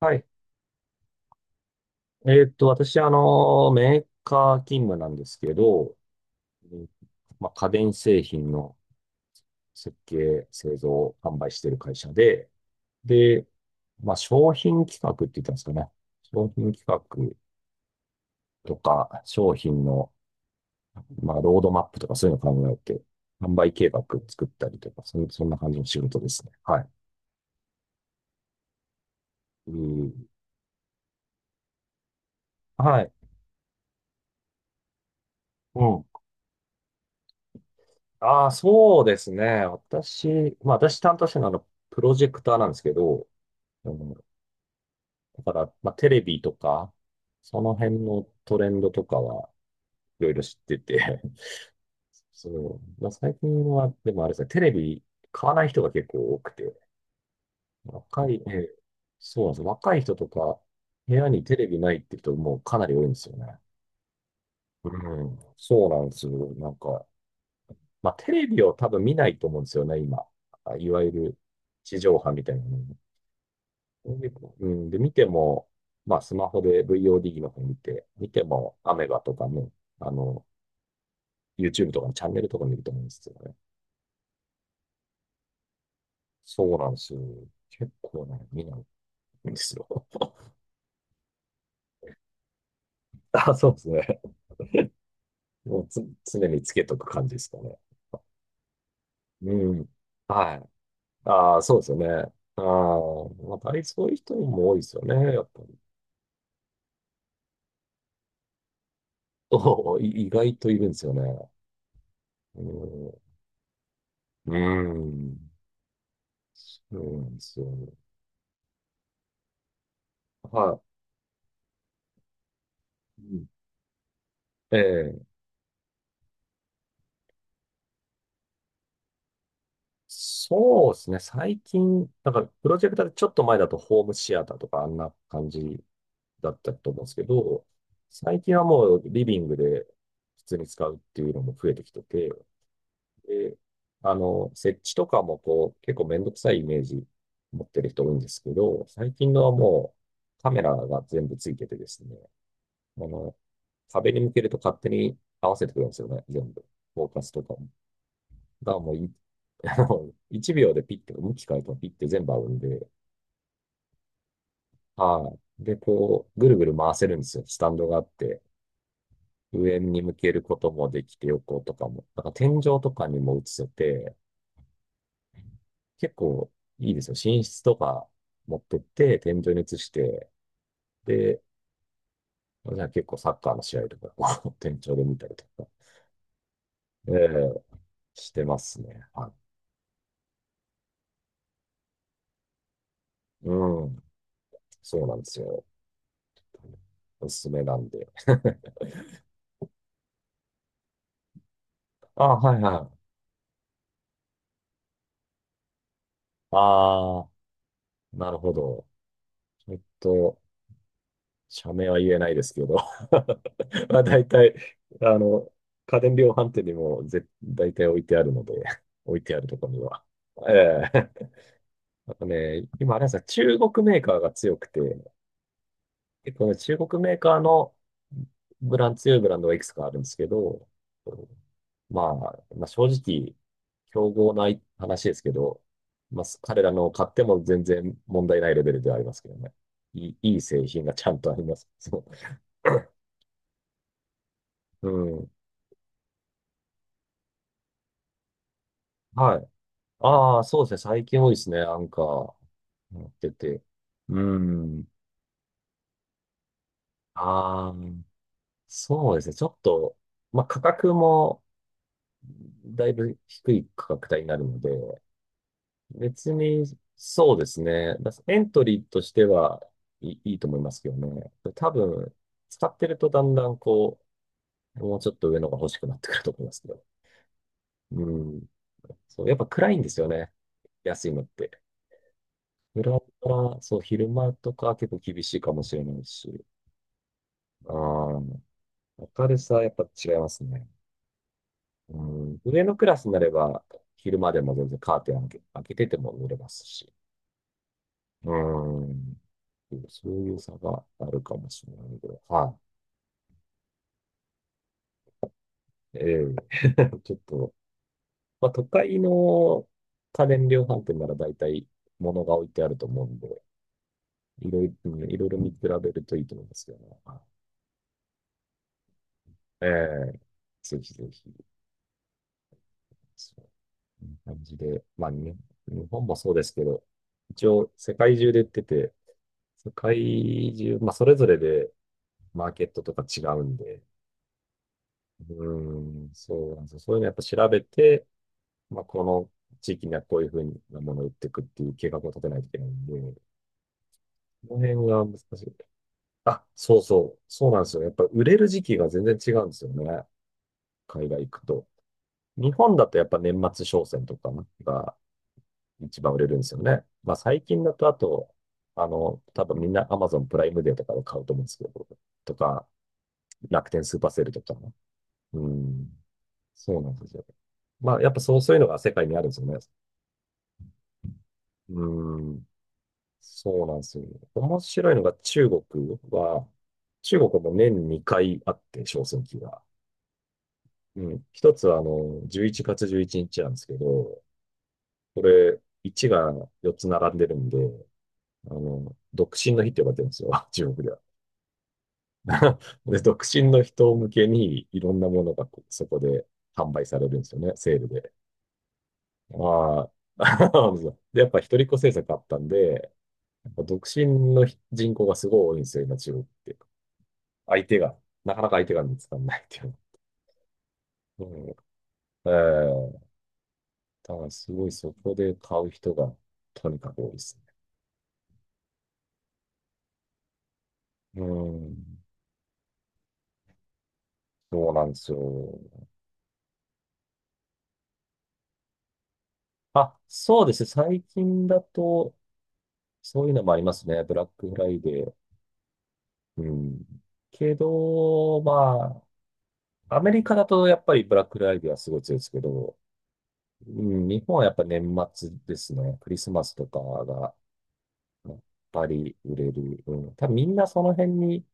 はい。私、メーカー勤務なんですけど、うん、まあ、家電製品の設計、製造、販売している会社で、で、まあ、商品企画って言ったんですかね。商品企画とか、商品の、まあ、ロードマップとかそういうの考えて、販売計画作ったりとか、そんな感じの仕事ですね。はい。うん。はい。うん。ああ、そうですね。私、まあ、私担当してるのは、プロジェクターなんですけど、あのだから、まあ、テレビとか、その辺のトレンドとかはいろいろ知ってて、そう、まあ、最近は、でもあれですね、テレビ買わない人が結構多くて、ええ、そうなんですよ。若い人とか、部屋にテレビないって人もかなり多いんですよね。うん、そうなんですよ。なんか、まあ、テレビを多分見ないと思うんですよね、今。あ、いわゆる地上波みたいなの。うん、で、見ても、まあ、スマホで VOD の方見ても、アメガとかね、あの、YouTube とかのチャンネルとか見ると思うんですよね。そうなんですよ。結構ね、見ないんですよ。あ、そうですね。もうつ、常につけとく感じですかね。うん。はい。ああ、そうですよね。ああ、まあ、大体そういう人も多いですよね、やっぱり。そうい、意外といるんですよね。うん。うん。そうなんですよ。はい。うん。ええ、そうですね。最近、なんか、プロジェクターでちょっと前だとホームシアターとかあんな感じだったと思うんですけど、最近はもうリビングで普通に使うっていうのも増えてきてて、で、設置とかもこう、結構めんどくさいイメージ持ってる人多いんですけど、最近のはもうカメラが全部ついててですね、あの、壁に向けると勝手に合わせてくれるんですよね、全部。フォーカスとかも。がもうい、1秒でピッて、向き変えてもピッて全部合うんで、はい。で、こう、ぐるぐる回せるんですよ。スタンドがあって、上に向けることもできて、横とかも。だから天井とかにも映せて、結構いいですよ。寝室とか持ってって、天井に映して、で、じゃあ結構サッカーの試合とか、こう天井で見たりとか、ええしてますね。はい。うん。そうなんですよ。おすすめなんで。あ、はいはい。あ、なるほど。ちょっと、社名は言えないですけど。まあ、大体、あの、家電量販店にも絶大体置いてあるので、置いてあるところには。ええ。 あとね、今、あれなんですか、中国メーカーが強くて、結構ね、中国メーカーのブラン、強いブランドがいくつかあるんですけど、まあ、まあ、正直、競合ない話ですけど、まあ、彼らのを買っても全然問題ないレベルではありますけどね。いい、いい製品がちゃんとあります。そう。うん。はい。ああ、そうですね。最近多いですね。アンカー持ってて。うん。ああ、そうですね。ちょっと、まあ、価格もだいぶ低い価格帯になるので、別に、そうですね。だエントリーとしてはいい、いいと思いますけどね。多分、使ってるとだんだんこう、もうちょっと上のが欲しくなってくると思いますけど。うん。そう、やっぱ暗いんですよね。安いのって。裏から、そう、昼間とか結構厳しいかもしれないし。ああ、明るさはやっぱ違いますね。うん。上のクラスになれば、昼間でも全然カーテン開けてても濡れますし。うん。そういう差があるかもしれないけど、はい。ええ。 ちょっと、まあ、都会の家電量販店なら大体物が置いてあると思うんで、いろいろ、うん、いろいろ見比べるといいと思いますけどね。はい。ええ、ぜひぜひ、そうこんな感じで、まあ、ね、日本もそうですけど、一応世界中で売ってて、世界中、まあ、それぞれでマーケットとか違うんで、うーん、そうなんですよ。そういうのやっぱ調べて、まあ、この地域にはこういうふうなものを売っていくっていう計画を立てないといけないんで、この辺が難しい。あ、そうそう。そうなんですよ。やっぱ売れる時期が全然違うんですよね。海外行くと。日本だとやっぱ年末商戦とかが一番売れるんですよね。まあ最近だとあと、多分みんな Amazon プライムデーとかで買うと思うんですけど、とか、楽天スーパーセールとか。うん。そうなんですよ。まあやっぱそう、そういうのが世界にあるんですよね。うん。そうなんですよ。面白いのが中国は、中国も年2回あって、小選挙が。うん。一つは、11月11日なんですけど、これ、1が4つ並んでるんで、独身の日って呼ばれてるんですよ、中国では。で、独身の人向けに、いろんなものがこそこで販売されるんですよね、セールで。まあ、そうなんですよ、でやっぱ一人っ子政策あったんで、やっぱ独身の人人口がすごい多いんですよ、今中国って。相手が、なかなか相手が見つからないっていうの。うん。ええ、だからすごいそこで買う人がとにかく多いですね。うん。そうなんですよ。あ、そうですね。最近だと、そういうのもありますね。ブラックフライデー。うん。けど、まあ、アメリカだとやっぱりブラックフライデーはすごい強いですけど、うん、日本はやっぱ年末ですね。クリスマスとかが、やっぱり売れる。うん。多分みんなその辺に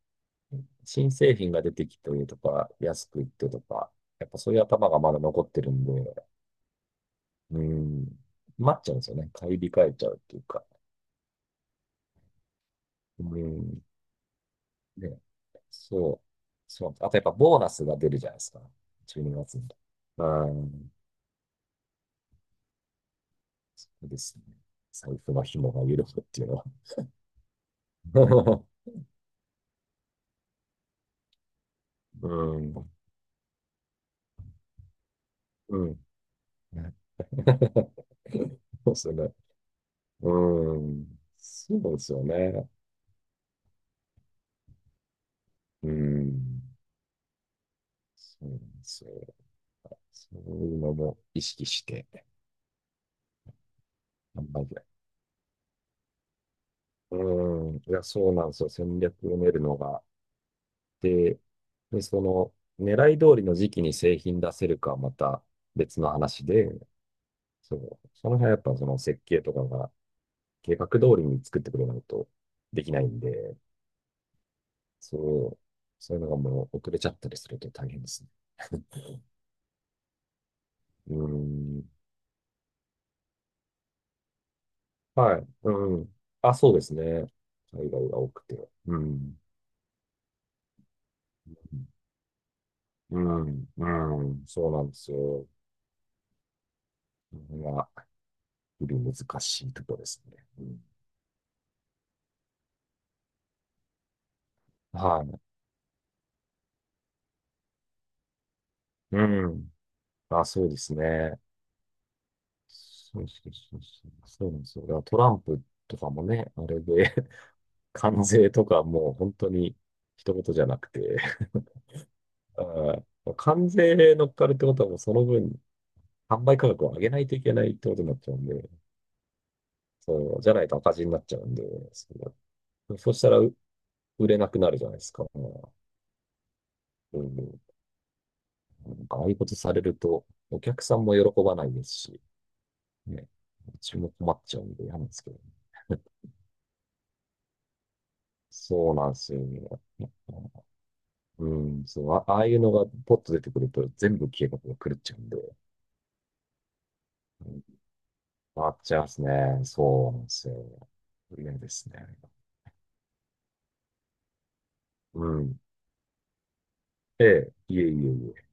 新製品が出てきてとか、安くいってとか、やっぱそういう頭がまだ残ってるんで、うん、待っちゃうんですよね。買い控えちゃうっていうか。うん、ね、そう。そう。あとやっぱボーナスが出るじゃないですか。12月にがつに。う、うですね。財布の紐が緩むっていうのは。うん、うん。そうですよね。うん。そうですよね。うん。そうなんですよ。そういうのも意識して頑張る。うーん、いや、そうなんですよ。戦略を練るのが。で、で、その、狙い通りの時期に製品出せるかはまた別の話で、そう、その辺はやっぱその設計とかが計画通りに作ってくれないとできないんで、そう、そういうのがもう遅れちゃったりすると大変ですね。うーん、はい、うん。あ、そうですね。海外が多くて。うん。うん、うん、そうなんですよ。まあ、日々難しいところですね。うん、はい。うん。あ、そうですね。そうそうそうそう。そうなんですよ。だからトランプとかもね、あれで、関税とかもう本当に一言じゃなくて、あー関税乗っかるってことはもうその分、販売価格を上げないといけないってことになっちゃうんで、そう、じゃないと赤字になっちゃうんで、そう、そうしたら売れなくなるじゃないですか。うん、なんかああいうことされると、お客さんも喜ばないですし、ね、うちも困っちゃうんで嫌なんですけど。そうなんですよね。うん、そう、あ、ああいうのがポッと出てくると全部計画が狂っちゃうんで、うん、回っちゃいますね。そうなんですよ。嫌ですね。うん。ええ、いえいえいえ。